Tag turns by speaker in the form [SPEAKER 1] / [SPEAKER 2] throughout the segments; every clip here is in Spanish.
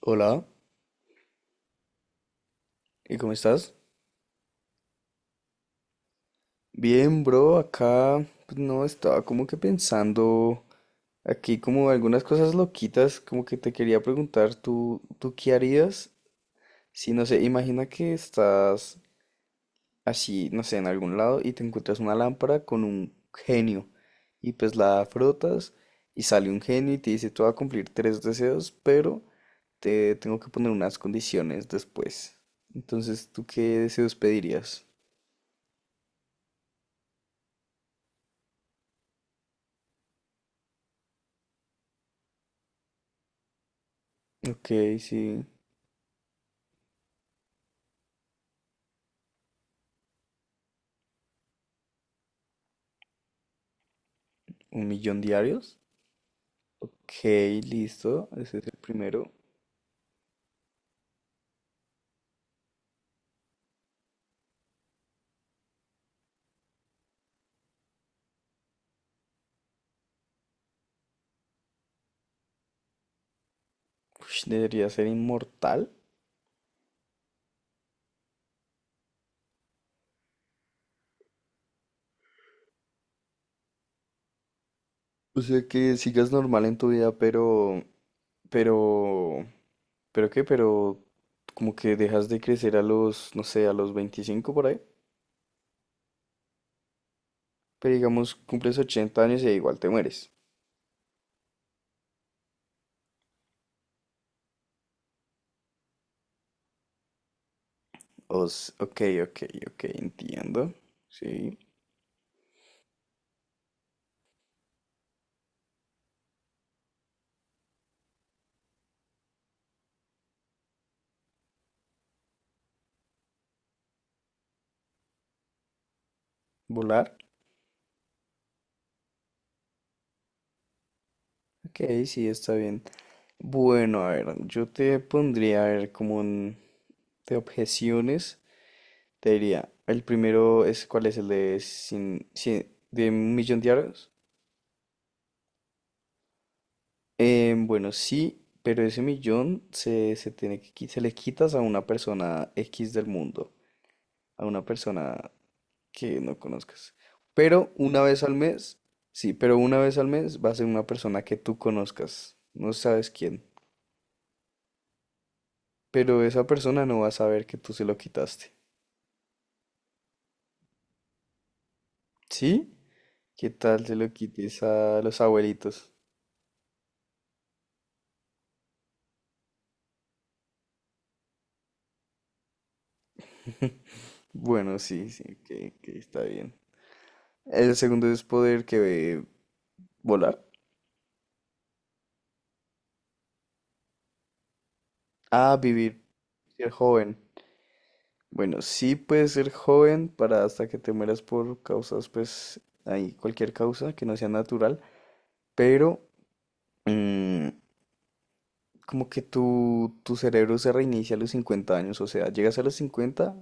[SPEAKER 1] Hola, ¿y cómo estás? Bien, bro, acá pues, no estaba como que pensando aquí como algunas cosas loquitas, como que te quería preguntar, ¿tú qué harías? Si no sé, imagina que estás así, no sé, en algún lado y te encuentras una lámpara con un genio y pues la frotas y sale un genio y te dice, tú vas a cumplir tres deseos, pero te tengo que poner unas condiciones después. Entonces, ¿tú qué deseos pedirías? Ok, sí. ¿Un millón diarios? Ok, listo. Ese es el primero. Ush, debería ser inmortal. O sea que sigas normal en tu vida, pero, pero como que dejas de crecer a los, no sé, a los 25 por ahí. Pero digamos, cumples 80 años y igual te mueres. Ok, ok, ok, entiendo. Sí, volar. Ok, sí, está bien. Bueno, a ver, yo te pondría, a ver, como de objeciones. Te diría, el primero es, ¿cuál es el de, de un millón diarios? Bueno, sí, pero ese millón se tiene que, se le quitas a una persona X del mundo, a una persona que no conozcas. Pero una vez al mes, sí, pero una vez al mes va a ser una persona que tú conozcas, no sabes quién, pero esa persona no va a saber que tú se lo quitaste. ¿Sí? ¿Qué tal se lo quites a los abuelitos? Bueno, sí, sí, que está bien. El segundo es poder que volar. Ah, vivir, ser joven. Bueno, sí puedes ser joven para hasta que te mueras por causas, pues, ahí cualquier causa que no sea natural, pero mm, como que tu cerebro se reinicia a los 50 años, o sea, llegas a los 50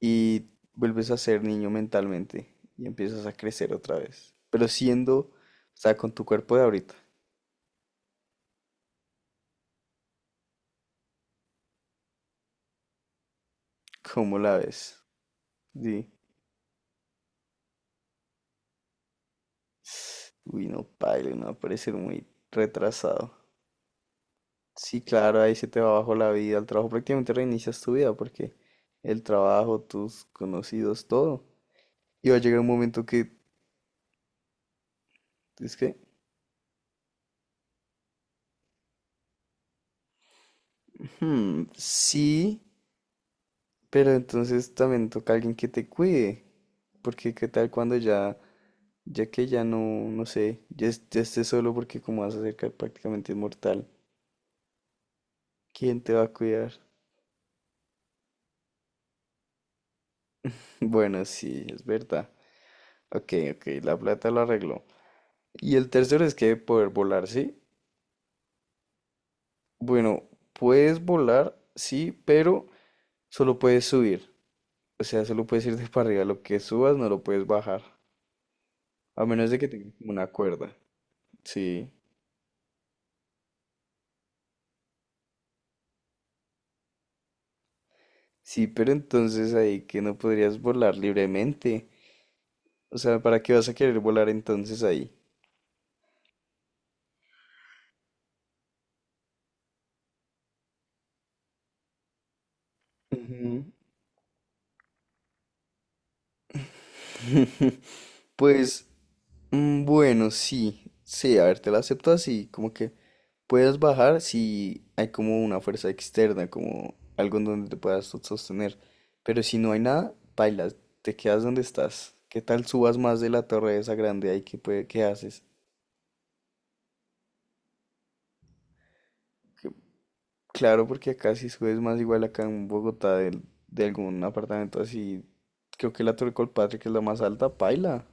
[SPEAKER 1] y vuelves a ser niño mentalmente y empiezas a crecer otra vez, pero siendo, o sea, con tu cuerpo de ahorita, ¿cómo la ves? Sí. Uy, no, paila, no va a parecer muy retrasado. Sí, claro, ahí se te va abajo la vida. El trabajo prácticamente reinicias tu vida porque el trabajo, tus conocidos, todo. Y va a llegar un momento que es que, hmm, sí, pero entonces también toca alguien que te cuide. Porque qué tal cuando ya, ya que ya no, no sé, ya, ya estés solo porque como vas a ser prácticamente inmortal, ¿quién te va a cuidar? Bueno, sí, es verdad. Ok, ok, la plata lo arregló. Y el tercero es que poder volar, ¿sí? Bueno, puedes volar, sí, pero solo puedes subir. O sea, solo puedes ir de para arriba. Lo que subas no lo puedes bajar. A menos de que tengas como una cuerda. Sí. Sí, pero entonces ahí que no podrías volar libremente. O sea, ¿para qué vas a querer volar entonces ahí? Ujú. Pues, bueno, sí. Sí, a ver, te la acepto así, como que puedes bajar si hay como una fuerza externa, como algo en donde te puedas sostener. Pero si no hay nada, bailas, te quedas donde estás. ¿Qué tal subas más de la torre esa grande ahí? ¿Qué haces? Que- Claro, porque acá si subes más, igual acá en Bogotá de algún apartamento así, creo que la Torre Colpatria, que es la más alta, paila.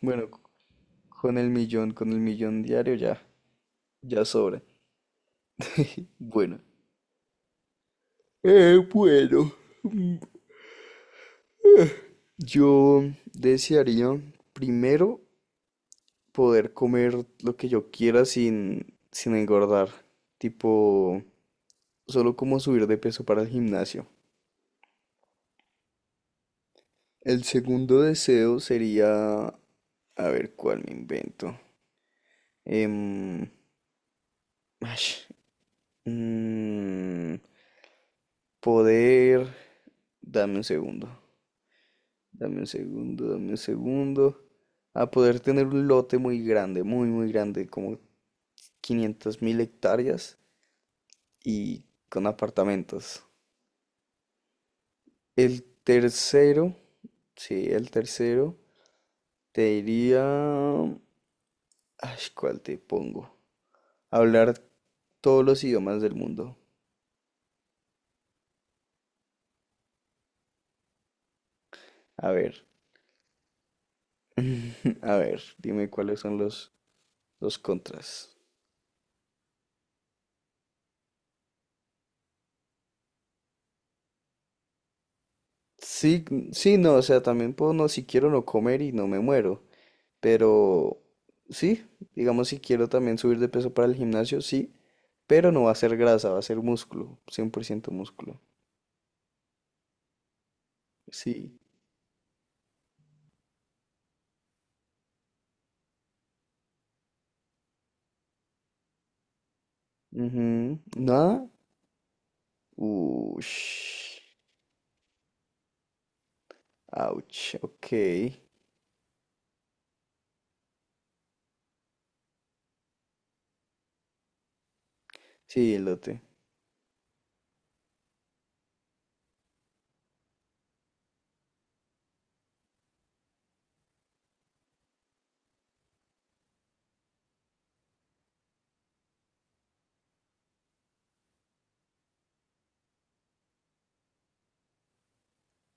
[SPEAKER 1] Bueno, con el millón diario ya, sobra. Bueno. Bueno. Yo desearía primero poder comer lo que yo quiera sin engordar, tipo solo como subir de peso para el gimnasio. El segundo deseo sería, a ver cuál me invento, Em, ash, mm, poder, dame un segundo, dame un segundo, a poder tener un lote muy grande, muy, muy grande, como 500 mil hectáreas y con apartamentos. El tercero, sí, el tercero, te diría... Ay, ¿cuál te pongo? Hablar todos los idiomas del mundo. A ver, a ver, dime cuáles son los contras. Sí, sí, no, o sea, también puedo, no, si quiero no comer y no me muero, pero sí, digamos si quiero también subir de peso para el gimnasio, sí, pero no va a ser grasa, va a ser músculo, 100% músculo. Sí. Ujú, ¿nada? Ush. Ouch. Ok. Sí, elote.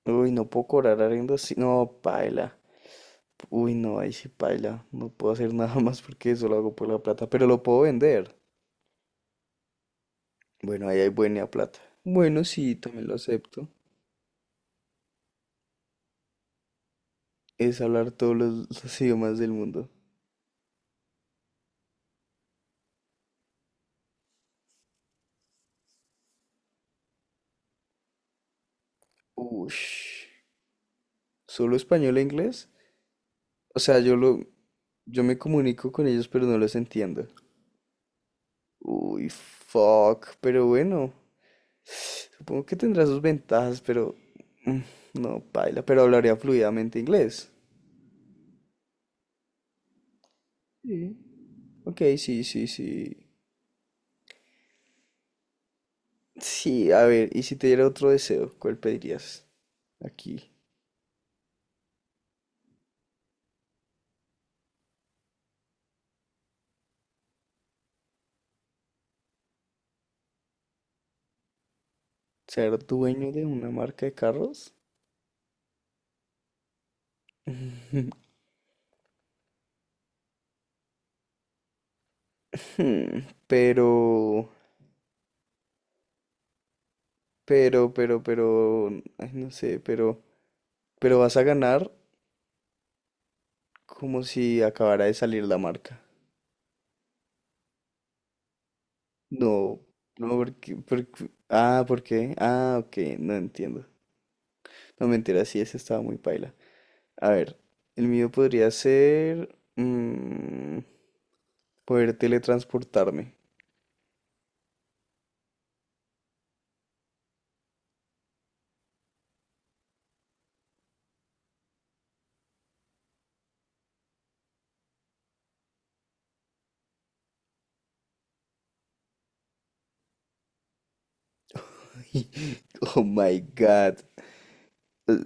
[SPEAKER 1] Uy, no puedo cobrar arriendo así. No, paila. Uy, no, ahí sí paila. No puedo hacer nada más porque eso lo hago por la plata. Pero lo puedo vender. Bueno, ahí hay buena plata. Bueno, sí, también lo acepto. Es hablar todos los idiomas del mundo. Ush. ¿Solo español e inglés? O sea, yo me comunico con ellos, pero no los entiendo. Uy, fuck. Pero bueno. Supongo que tendrá sus ventajas, pero mm, no, paila, pero hablaría fluidamente inglés. Sí. Ok, sí, sí, sí. Sí, a ver, y si te diera otro deseo, ¿cuál pedirías? Aquí, ser dueño de una marca de carros. Hmm, Pero, pero, pero, pero, ay, no sé, pero vas a ganar como si acabara de salir la marca. No, no, ¿por qué? Ah, ok, no entiendo. No, mentira, sí, ese estaba muy paila. A ver, el mío podría ser... poder teletransportarme. Oh my God. Eh,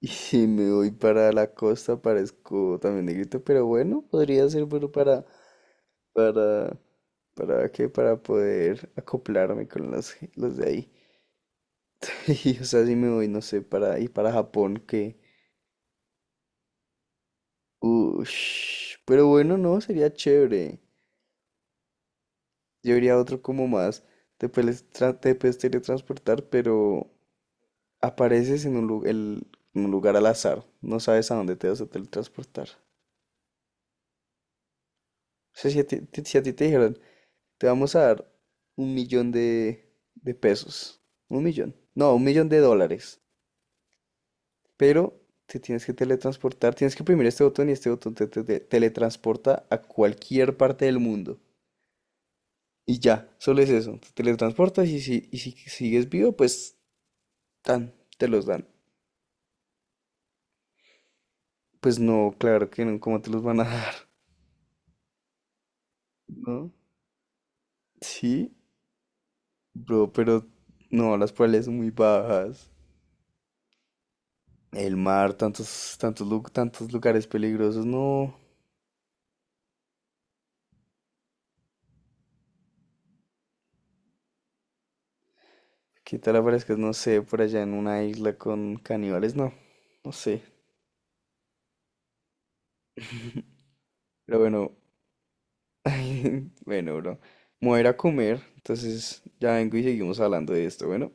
[SPEAKER 1] Y si me voy para la costa, parezco también negrito, pero bueno, podría ser bueno para... ¿Para qué? Para poder acoplarme con los de ahí. Y, o sea, si me voy, no sé, para... y para Japón, que... Ush. Pero bueno, no, sería chévere. Yo diría otro como más, te puedes teletransportar, pero apareces en un lugar al azar, no sabes a dónde te vas a teletransportar. O sea, si a ti te dijeran, te vamos a dar un millón de pesos, un millón, no, un millón de dólares, pero te tienes que teletransportar, tienes que oprimir este botón y este botón te teletransporta a cualquier parte del mundo. Y ya, solo es eso, te teletransportas y si sigues vivo, pues tan, te los dan. Pues no, claro que no, ¿cómo te los van a dar? ¿No? Sí, bro, pero no, las probabilidades son muy bajas. El mar, tantos lugares peligrosos, no. ¿Qué tal aparezcas, no sé, por allá en una isla con caníbales? No, no sé. Pero bueno, bueno, bro, me voy a ir a comer, entonces ya vengo y seguimos hablando de esto, bueno.